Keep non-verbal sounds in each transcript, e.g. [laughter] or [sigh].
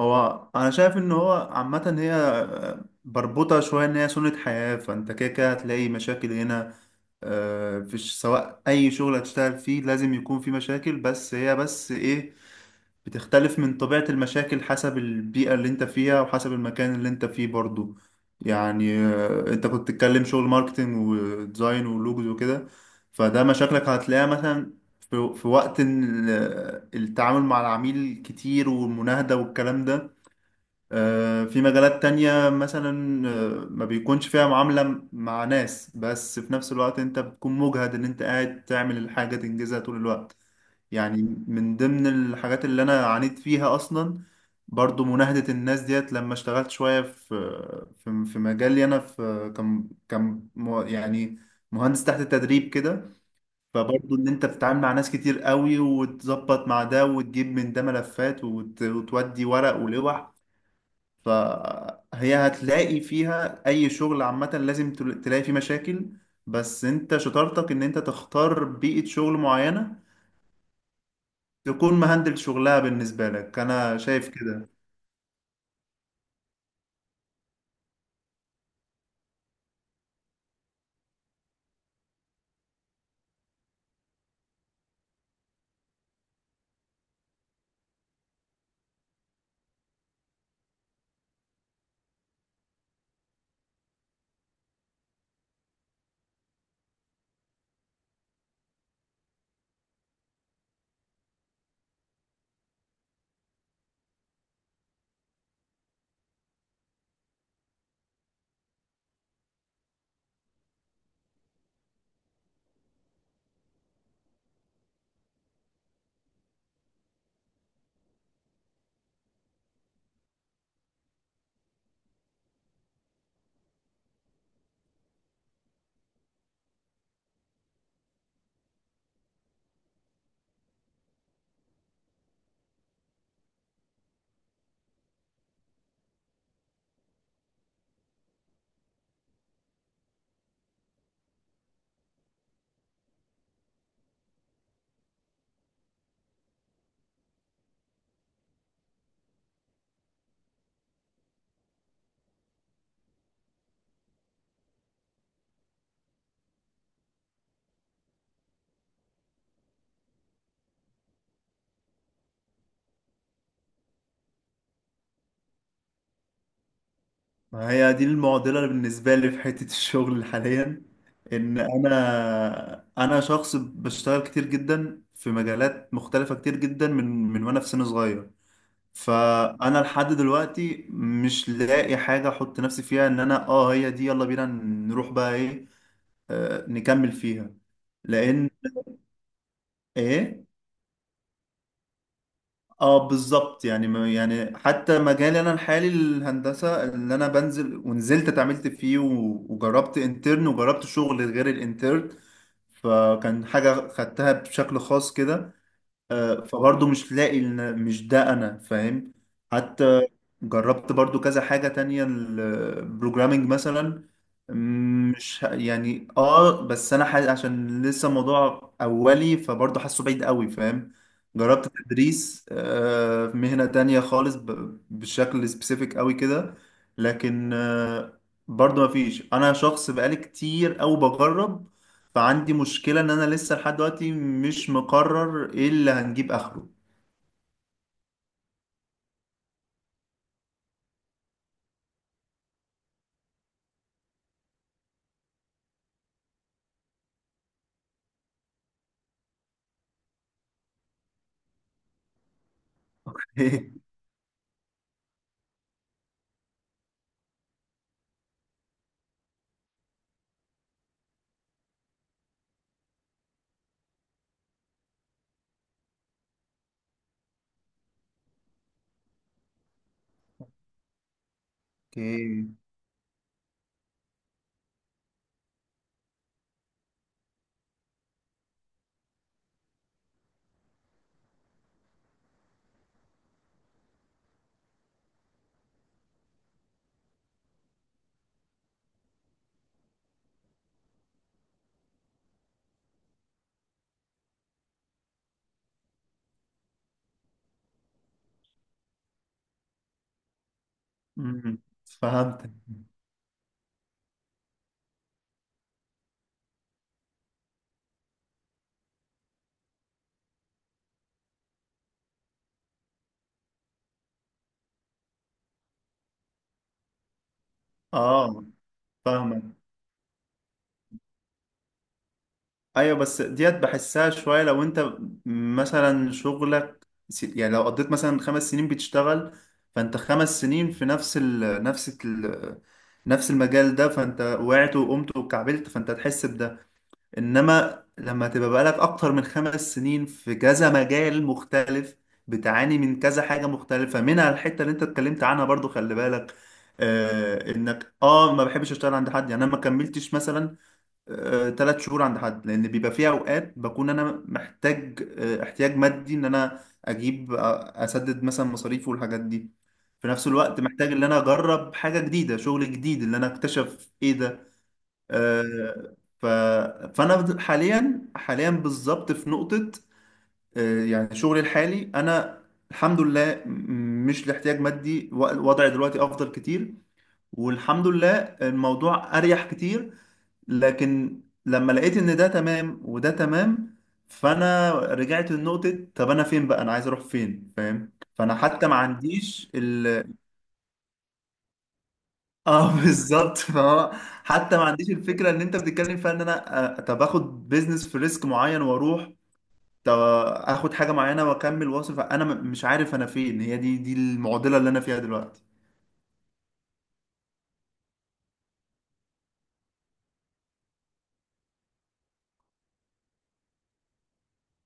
هو انا شايف ان هو عامه هي بربطه شويه ان هي سنه حياه، فانت كده كده هتلاقي مشاكل هنا. فيش سواء اي شغل هتشتغل فيه لازم يكون فيه مشاكل، بس هي بس ايه بتختلف من طبيعه المشاكل حسب البيئه اللي انت فيها وحسب المكان اللي انت فيه برضو. يعني انت كنت تتكلم شغل ماركتينج وديزاين ولوجوز وكده، فده مشاكلك هتلاقيها مثلا في وقت إن التعامل مع العميل كتير، والمناهدة والكلام ده. في مجالات تانية مثلا ما بيكونش فيها معاملة مع ناس، بس في نفس الوقت انت بتكون مجهد ان انت قاعد تعمل الحاجة تنجزها طول الوقت. يعني من ضمن الحاجات اللي انا عانيت فيها اصلا برضو مناهدة الناس ديت، لما اشتغلت شوية في في مجالي انا، في كم يعني مهندس تحت التدريب كده، فبرضو ان انت بتتعامل مع ناس كتير قوي، وتظبط مع ده وتجيب من ده ملفات وتودي ورق ولوح. فهي هتلاقي فيها اي شغل عامة لازم تلاقي فيه مشاكل، بس انت شطارتك ان انت تختار بيئة شغل معينة تكون مهندل شغلها بالنسبة لك. انا شايف كده. ما هي دي المعضلة بالنسبة لي في حتة [laughs] الشغل حاليا، ان انا شخص بشتغل كتير جدا في مجالات مختلفة كتير جدا من وانا في سن صغير. فانا لحد دلوقتي مش لاقي حاجه احط نفسي فيها ان انا هي دي، يلا بينا نروح بقى ايه، نكمل فيها، لان ايه. اه بالظبط، يعني يعني حتى مجالي انا الحالي الهندسه اللي انا بنزل ونزلت اتعاملت فيه وجربت انترن وجربت شغل غير الانترن، فكان حاجه خدتها بشكل خاص كده. فبرضه مش لاقي إن مش ده انا، فاهم؟ حتى جربت برضه كذا حاجة تانية، البروجرامينج مثلا. مش يعني بس انا عشان لسه موضوع اولي فبرضه حاسه بعيد قوي، فاهم؟ جربت تدريس في مهنة تانية خالص بشكل سبيسيفيك قوي كده. لكن برضه مفيش. انا شخص بقالي كتير او بجرب، فعندي مشكلة ان انا لسه لحد دلوقتي مش مقرر ايه اللي هنجيب اخره. [laughs] اوكي. أمم، فهمتك. اه، فاهمك. ايوه، بس ديت بحسها شوية. لو انت مثلا شغلك يعني لو قضيت مثلا 5 سنين بتشتغل، فانت 5 سنين في نفس المجال ده، فانت وقعت وقمت وكعبلت فانت هتحس. انما لما تبقى بقالك اكتر من 5 سنين في كذا مجال مختلف، بتعاني من كذا حاجة مختلفة، منها الحتة اللي انت اتكلمت عنها برضو، خلي بالك، انك ما بحبش اشتغل عند حد. يعني انا ما كملتش مثلا 3 شهور عند حد، لان بيبقى في اوقات بكون انا محتاج احتياج مادي ان انا اجيب، اسدد مثلا مصاريفي والحاجات دي. في نفس الوقت محتاج ان انا اجرب حاجة جديدة، شغل جديد، ان انا اكتشف ايه ده. آه، ف... فانا حاليا حاليا بالظبط في نقطة، يعني شغلي الحالي انا الحمد لله مش لاحتياج مادي، وضعي دلوقتي افضل كتير، والحمد لله الموضوع اريح كتير. لكن لما لقيت ان ده تمام وده تمام، فانا رجعت لنقطة: طب انا فين بقى، انا عايز اروح فين، فاهم؟ فانا حتى ما عنديش. اه [laughs] بالظبط، فهو حتى ما عنديش الفكره اللي انت بتتكلم فيها ان انا، طب اخد بيزنس في ريسك معين واروح، طب اخد حاجه معينه واكمل واصل. فانا مش عارف انا فين. هي دي المعضله اللي انا فيها دلوقتي.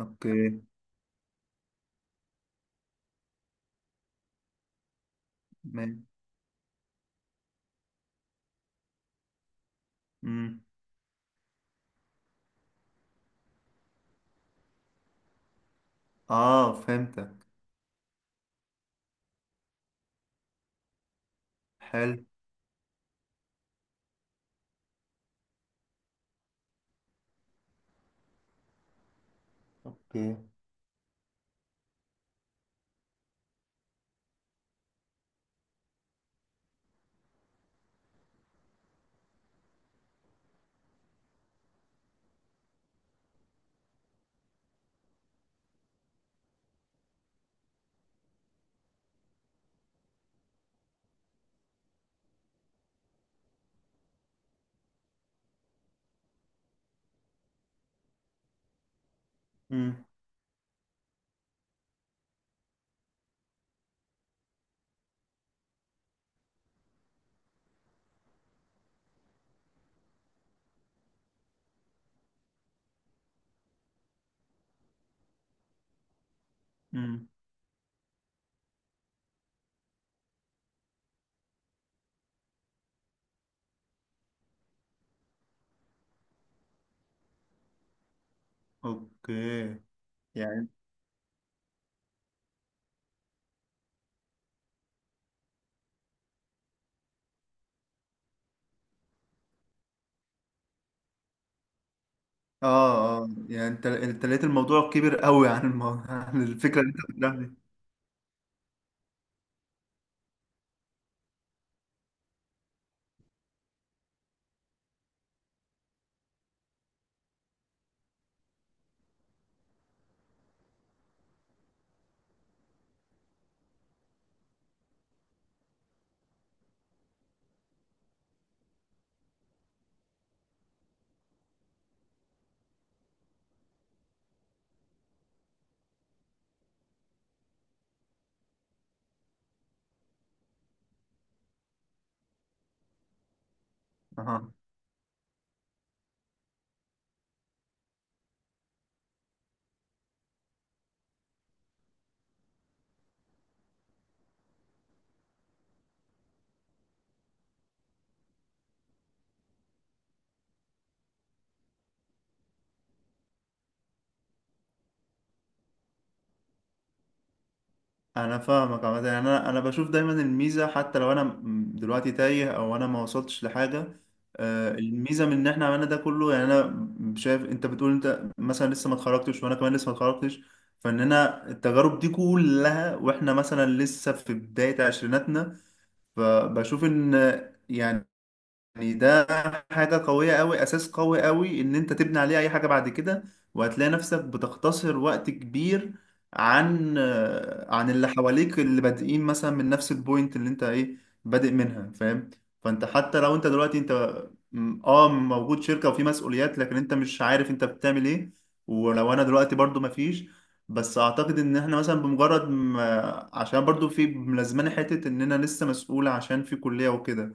اوكي، ماشي، امم، اه، فهمتك، حلو، اوكي، امم، امم، اوكي، يعني اه اه، يعني انت لقيت الموضوع كبير قوي عن الموضوع، [laughs] عن الفكره اللي انت بتقولها دي. اها، انا فاهمك عامه. يعني انا بشوف دايما الميزه، حتى لو انا دلوقتي تايه او انا ما وصلتش لحاجه، الميزه من ان احنا عملنا ده كله. يعني انا شايف انت بتقول انت مثلا لسه ما اتخرجتش وانا كمان لسه ما اتخرجتش، فاننا التجارب دي كلها واحنا مثلا لسه في بدايه عشريناتنا، فبشوف ان، يعني يعني ده حاجة قوية قوي، أساس قوي قوي إن أنت تبني عليه أي حاجة بعد كده، وهتلاقي نفسك بتختصر وقت كبير عن عن اللي حواليك، اللي بادئين مثلا من نفس البوينت اللي أنت إيه بادئ منها، فاهم؟ فأنت حتى لو أنت دلوقتي أنت موجود شركة وفي مسؤوليات، لكن أنت مش عارف أنت بتعمل إيه، ولو أنا دلوقتي برضو مفيش. بس أعتقد إن إحنا مثلا بمجرد ما، عشان برضو في ملازماني حتة إننا لسه مسؤول عشان في كلية وكده،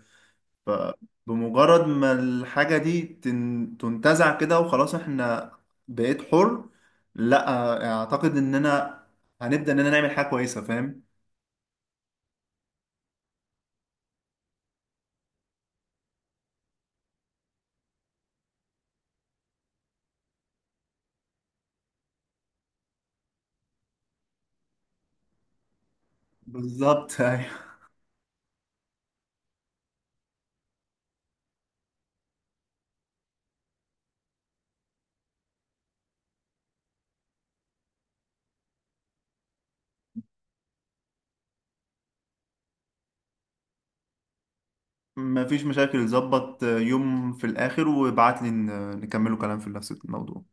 فبمجرد ما الحاجة دي تنتزع كده وخلاص، احنا بقيت حر، لا اعتقد اننا هنبدأ اننا نعمل حاجة كويسة، فاهم؟ بالظبط أيوة. مفيش مشاكل. ظبط يوم في الاخر وابعت لي نكملوا كلام في نفس الموضوع.